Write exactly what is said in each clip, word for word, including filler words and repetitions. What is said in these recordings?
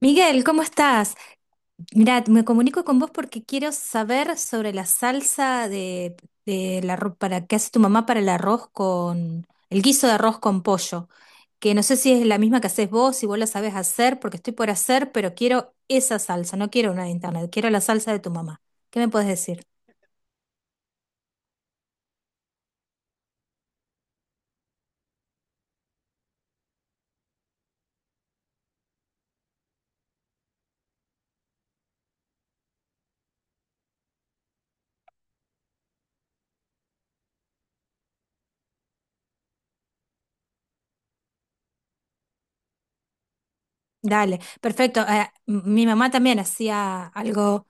Miguel, ¿cómo estás? Mira, me comunico con vos porque quiero saber sobre la salsa de, de la, ro- para, que hace tu mamá para el arroz con, el guiso de arroz con pollo, que no sé si es la misma que haces vos, si vos la sabes hacer, porque estoy por hacer, pero quiero esa salsa, no quiero una de internet, quiero la salsa de tu mamá. ¿Qué me puedes decir? Dale, perfecto. Eh, m- mi mamá también hacía algo.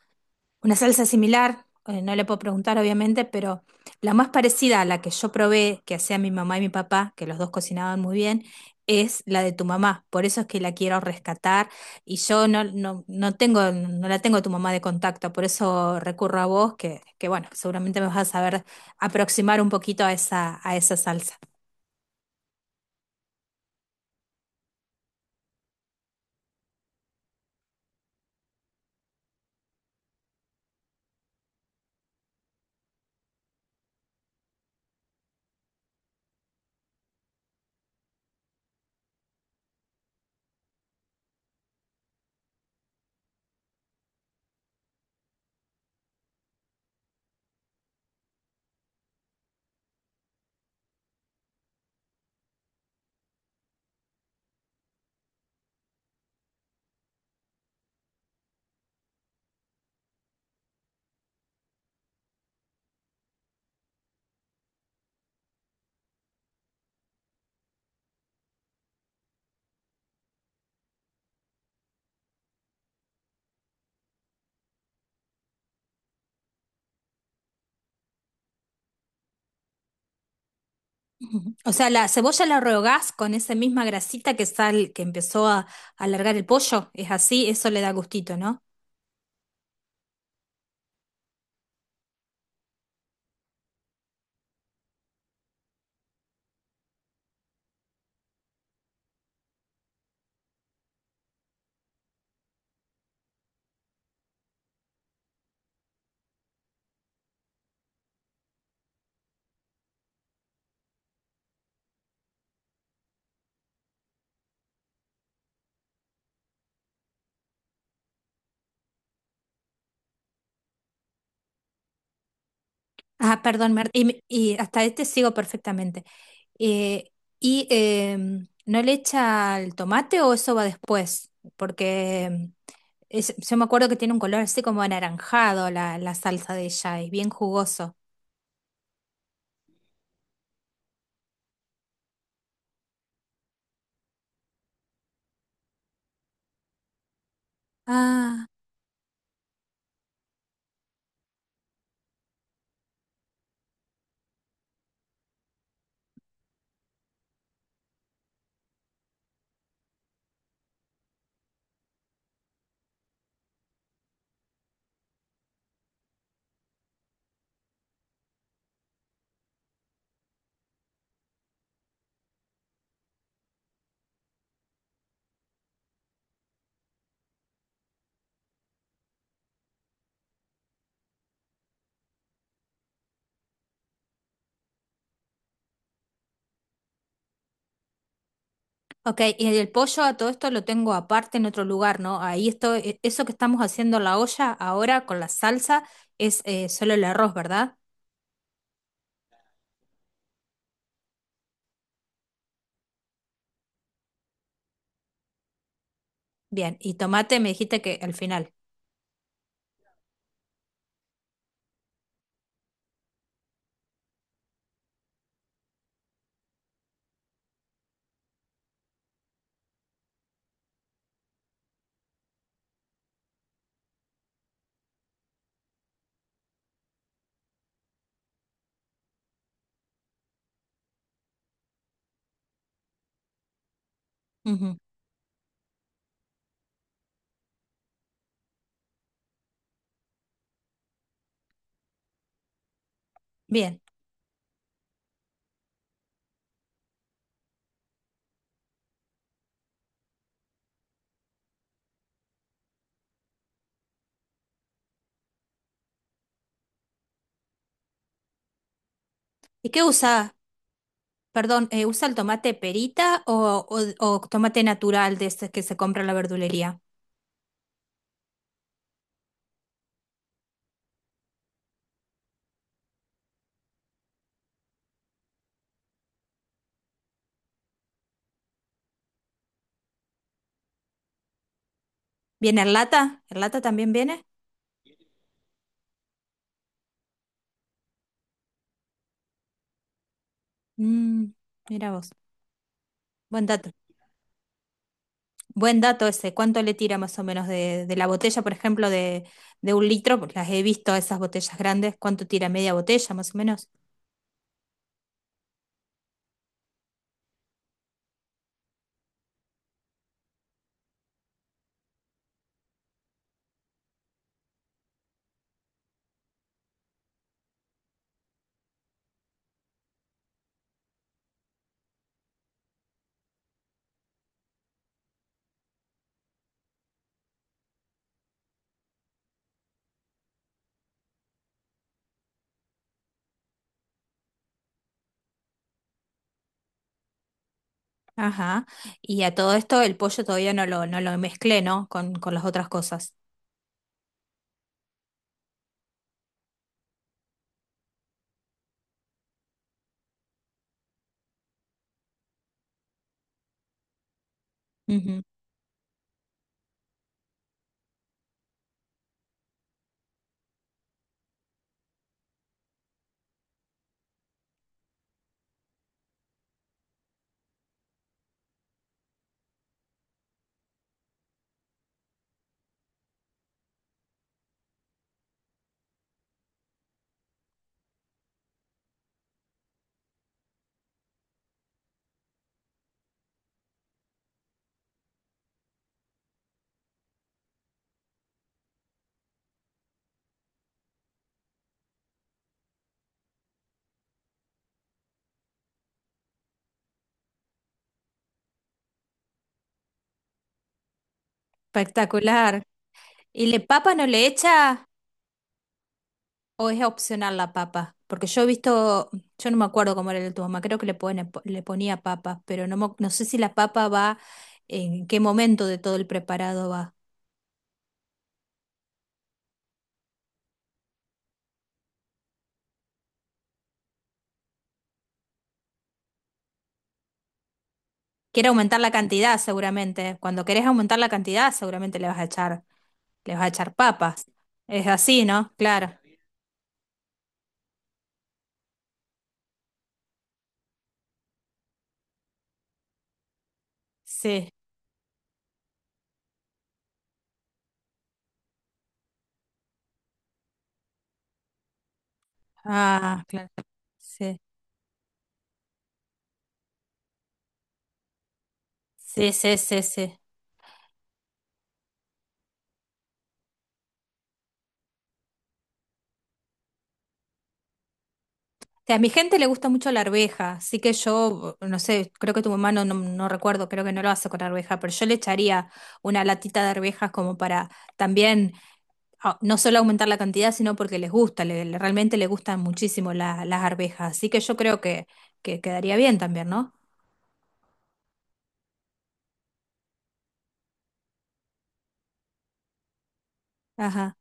Una salsa similar, eh, no le puedo preguntar obviamente, pero la más parecida a la que yo probé, que hacía mi mamá y mi papá, que los dos cocinaban muy bien, es la de tu mamá. Por eso es que la quiero rescatar y yo no, no, no tengo, no la tengo a tu mamá de contacto, por eso recurro a vos, que, que bueno, seguramente me vas a saber aproximar un poquito a esa, a esa salsa. Ujú. O sea, la cebolla la rehogás con esa misma grasita que sal, que empezó a a alargar el pollo, es así, eso le da gustito, ¿no? Ah, perdón, Marta, y, me- y hasta este sigo perfectamente. Eh, ¿y em, no le echa el tomate o eso va después? Porque em, es- yo me acuerdo que tiene un color así como anaranjado la, la salsa de ella, es bien jugoso. Ah, ok, y el pollo a todo esto lo tengo aparte en otro lugar, ¿no? Ahí esto, e- eso que estamos haciendo en la olla ahora con la salsa es eh, solo el arroz, ¿verdad? Bien, y tomate me dijiste que al final. Ujú. Bien. ¿Y qué usas? Perdón, eh, ¿usa el tomate perita o, o- o tomate natural de este que se compra en la verdulería? ¿Viene en lata? ¿En lata también viene? Mm, mira vos. Buen dato. Buen dato ese. ¿Cuánto le tira más o menos de, de la botella, por ejemplo, de, de un litro? Pues las he visto, esas botellas grandes. ¿Cuánto tira media botella más o menos? Ajá. Y a todo esto el pollo todavía no lo, no lo mezclé, ¿no? Con, con las otras cosas. Ujú. Espectacular. ¿Y le papa no le echa? ¿O es opcional la papa? Porque yo he visto, yo no me acuerdo cómo era el de tu mamá, creo que le, pone- le ponía papas, pero no, mo- no sé si la papa va, en qué momento de todo el preparado va. Quiere aumentar la cantidad seguramente. Cuando querés aumentar la cantidad seguramente le vas a echar, le vas a echar papas. Es así, ¿no? Claro. Sí. Ah, claro. Sí. Sí, sí, sí, sí. O sea, a mi gente le gusta mucho la arveja, así que yo, no sé, creo que tu mamá no, no, no recuerdo, creo que no lo hace con arveja, pero yo le echaría una latita de arvejas como para también, ah, no solo aumentar la cantidad, sino porque les gusta, le- le- realmente les gustan muchísimo la- las arvejas, así que yo creo que, que quedaría bien también, ¿no? Ajá,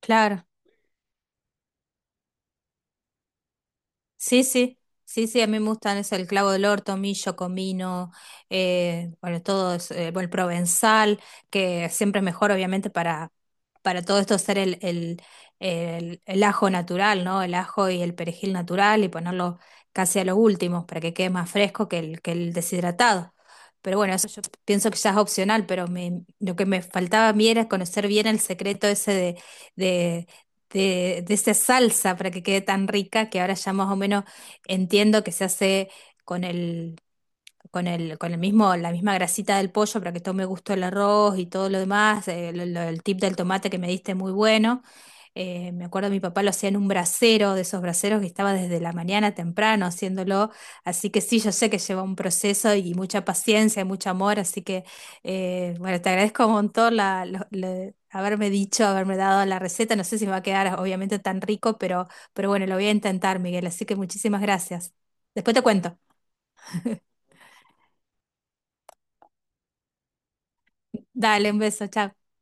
claro. Sí, sí, sí, sí, a mí me gustan es el clavo del orto, tomillo, comino, eh, bueno, todo es, eh, bueno, el provenzal, que siempre es mejor, obviamente, para, para todo esto hacer el, el, el, el ajo natural, ¿no? El ajo y el perejil natural y ponerlo casi a los últimos para que quede más fresco que el, que el deshidratado. Pero bueno, eso yo pienso que ya es opcional, pero me, lo que me faltaba a mí era conocer bien el secreto ese de, de, de esa salsa para que quede tan rica, que ahora ya más o menos entiendo que se hace con el, con el, con el mismo, la misma grasita del pollo para que tome gusto el arroz y todo lo demás, eh, lo- lo- el tip del tomate que me diste muy bueno. Eh, me acuerdo mi papá lo hacía en un brasero, de esos braseros que estaba desde la mañana temprano haciéndolo, así que sí, yo sé que lleva un proceso y mucha paciencia y mucho amor, así que eh, bueno, te agradezco un montón la, lo- lo- haberme dicho, haberme dado la receta, no sé si me va a quedar obviamente tan rico, pero, pero bueno, lo voy a intentar, Miguel, así que muchísimas gracias. Después te cuento. Dale, un beso, chao.